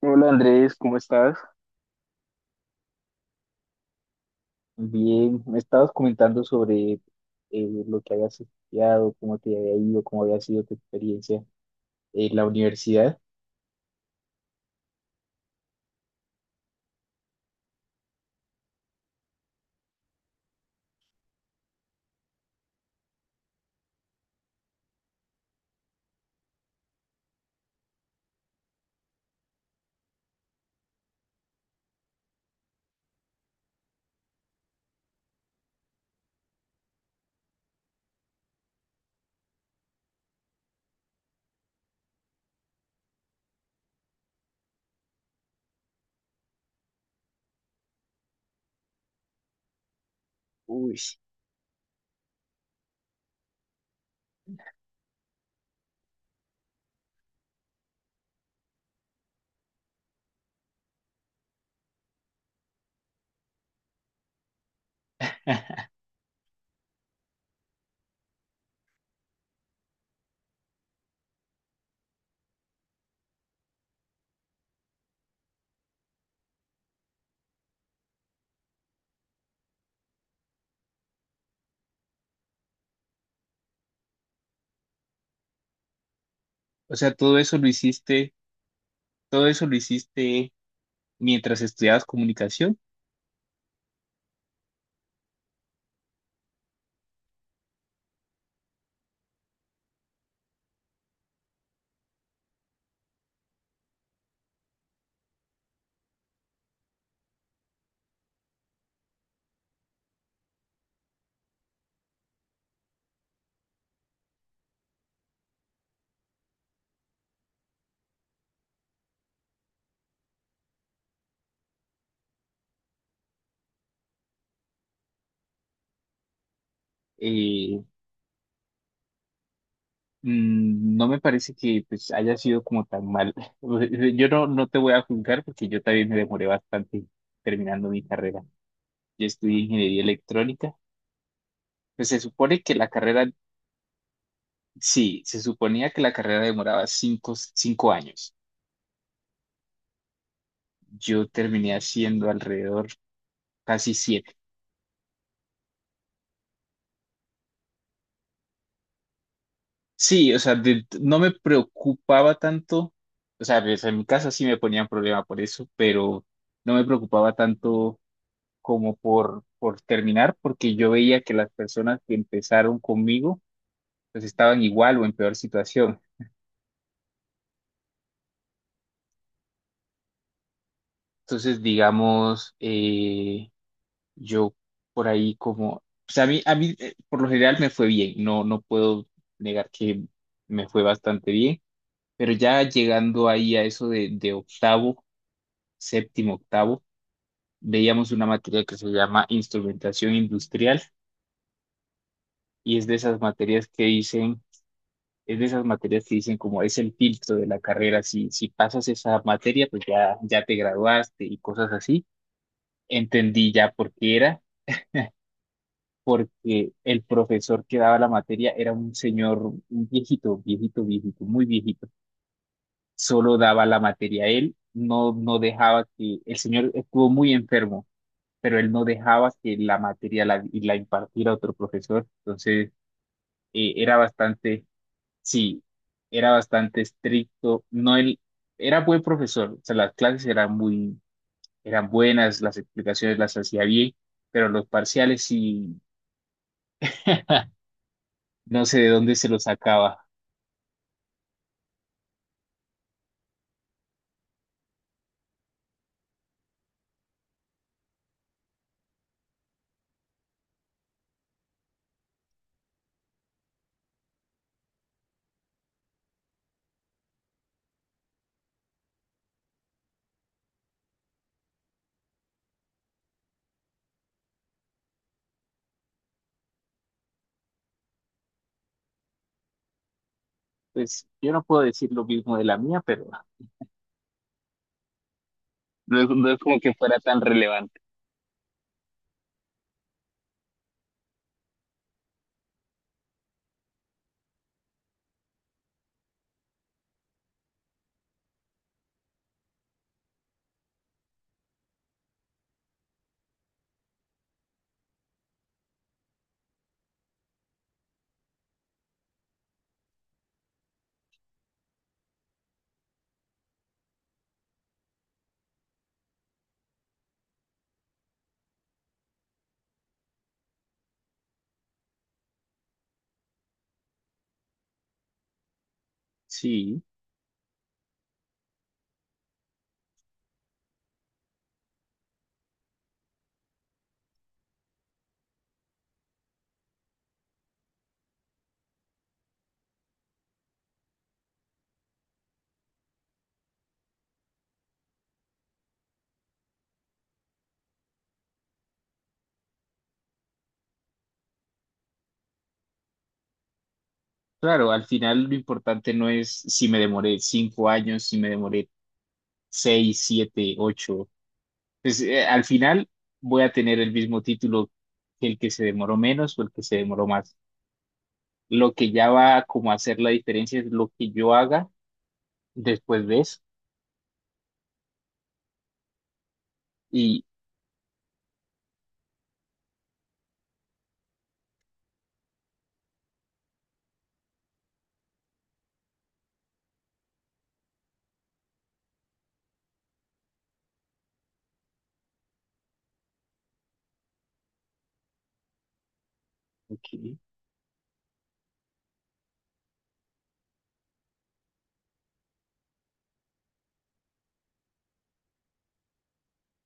Hola Andrés, ¿cómo estás? Bien, me estabas comentando sobre lo que habías estudiado, cómo te había ido, cómo había sido tu experiencia en la universidad. Uy, o sea, todo eso lo hiciste, todo eso lo hiciste mientras estudiabas comunicación. Eh, Mm, no me parece que pues haya sido como tan mal. Yo no te voy a juzgar porque yo también me demoré bastante terminando mi carrera. Yo estudié ingeniería electrónica. Pues se supone que la carrera Sí, se suponía que la carrera demoraba cinco años. Yo terminé haciendo alrededor casi siete. Sí, o sea, no me preocupaba tanto. O sea, pues, en mi casa sí me ponían problema por eso, pero no me preocupaba tanto como por terminar, porque yo veía que las personas que empezaron conmigo, pues estaban igual o en peor situación. Entonces, digamos, yo por ahí como, o sea, a mí por lo general me fue bien, no puedo negar que me fue bastante bien, pero ya llegando ahí a eso de octavo, séptimo, octavo, veíamos una materia que se llama instrumentación industrial y es de esas materias que dicen como es el filtro de la carrera, si pasas esa materia, pues ya te graduaste y cosas así. Entendí ya por qué era porque el profesor que daba la materia era un señor, un viejito, viejito, viejito, muy viejito. Solo daba la materia él, no dejaba el señor estuvo muy enfermo, pero él no dejaba que la materia la impartiera otro profesor. Entonces, era bastante, sí, era bastante estricto. No, él era buen profesor, o sea, las clases eran muy, eran buenas, las explicaciones las hacía bien, pero los parciales sí, no sé de dónde se los sacaba. Pues yo no puedo decir lo mismo de la mía, pero no es como que fuera tan relevante. Sí, claro, al final lo importante no es si me demoré cinco años, si me demoré seis, siete, ocho. Pues al final voy a tener el mismo título que el que se demoró menos o el que se demoró más. Lo que ya va como a hacer la diferencia es lo que yo haga después de eso. Y, ok.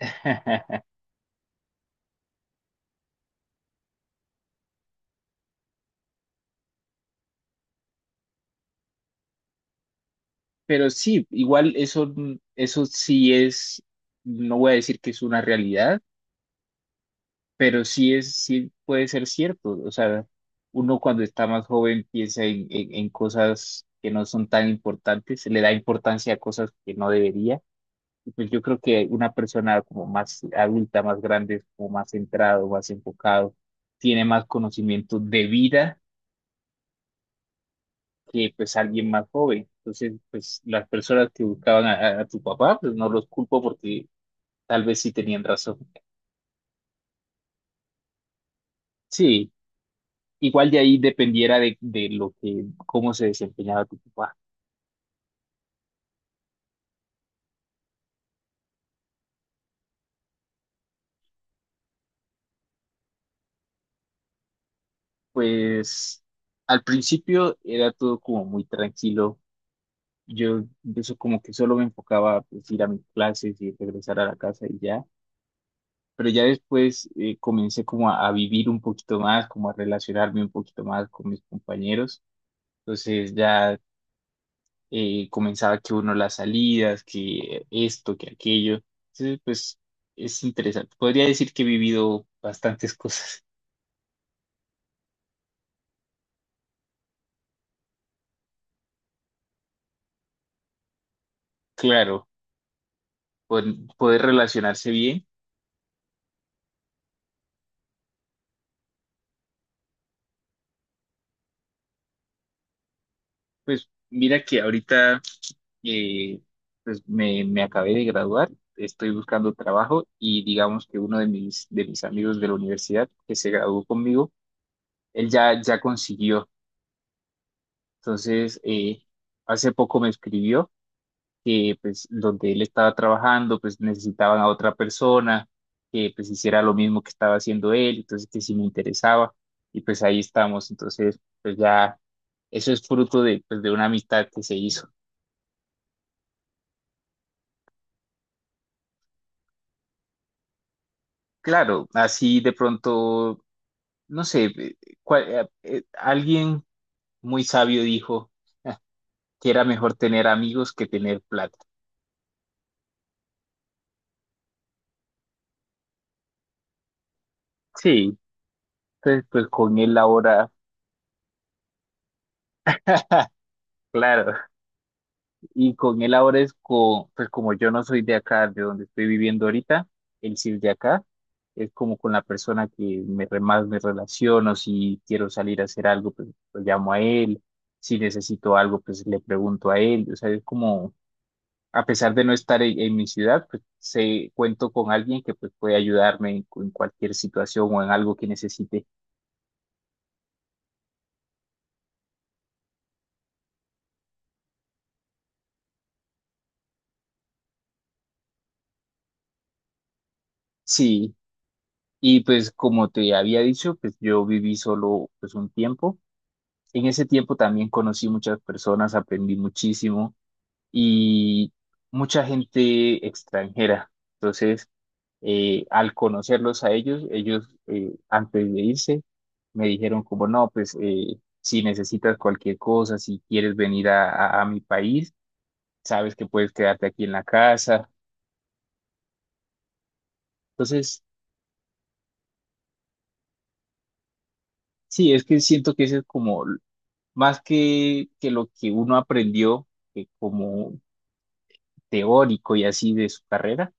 Pero sí, igual eso sí es, no voy a decir que es una realidad, pero sí puede ser cierto. O sea, uno cuando está más joven piensa en cosas que no son tan importantes, le da importancia a cosas que no debería. Y pues yo creo que una persona como más adulta, más grande, como más centrado, más enfocado, tiene más conocimiento de vida que pues alguien más joven. Entonces, pues las personas que buscaban a tu papá, pues no los culpo porque tal vez sí tenían razón. Sí. Igual de ahí dependiera de lo que, cómo se desempeñaba tu papá. Pues al principio era todo como muy tranquilo. Yo eso como que solo me enfocaba a pues, ir a mis clases y regresar a la casa y ya. Pero ya después comencé como a vivir un poquito más, como a relacionarme un poquito más con mis compañeros. Entonces ya comenzaba que uno las salidas, que esto, que aquello. Entonces pues es interesante. Podría decir que he vivido bastantes cosas. Claro, poder, poder relacionarse bien. Pues mira que ahorita eh, pues me acabé de graduar, estoy buscando trabajo y digamos que uno de de mis amigos de la universidad que se graduó conmigo, él ya consiguió. Entonces, hace poco me escribió que pues donde él estaba trabajando pues necesitaban a otra persona que pues hiciera lo mismo que estaba haciendo él, entonces que sí me interesaba y pues ahí estamos, entonces pues ya eso es fruto de pues de una amistad que se hizo. Claro, así de pronto, no sé, alguien muy sabio dijo que era mejor tener amigos que tener plata. Sí, entonces pues con él ahora, claro. Y con él ahora pues como yo no soy de acá, de donde estoy viviendo ahorita, él sí es de acá, es como con la persona que más me relaciono, si quiero salir a hacer algo, pues lo llamo a él, si necesito algo, pues le pregunto a él, o sea, es como, a pesar de no estar en mi ciudad, pues sé, cuento con alguien que pues puede ayudarme en cualquier situación o en algo que necesite. Sí, y pues como te había dicho, pues yo viví solo pues un tiempo. En ese tiempo también conocí muchas personas, aprendí muchísimo y mucha gente extranjera. Entonces, al conocerlos a ellos, antes de irse me dijeron como, no, pues si necesitas cualquier cosa, si quieres venir a mi país, sabes que puedes quedarte aquí en la casa. Entonces, sí, es que siento que ese es como más que lo que uno aprendió como teórico y así de su carrera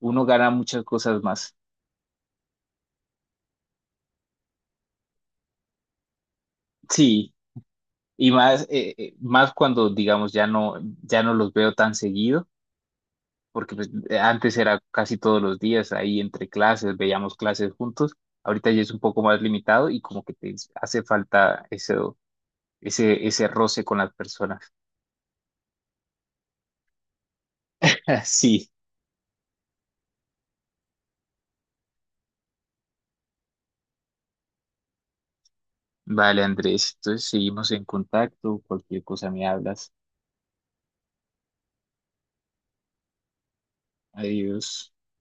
uno gana muchas cosas más. Sí, y más, más cuando, digamos, ya no los veo tan seguido, porque pues, antes era casi todos los días ahí entre clases, veíamos clases juntos, ahorita ya es un poco más limitado y como que te hace falta eso, ese roce con las personas. Sí, vale, Andrés, entonces seguimos en contacto, cualquier cosa me hablas. Adiós.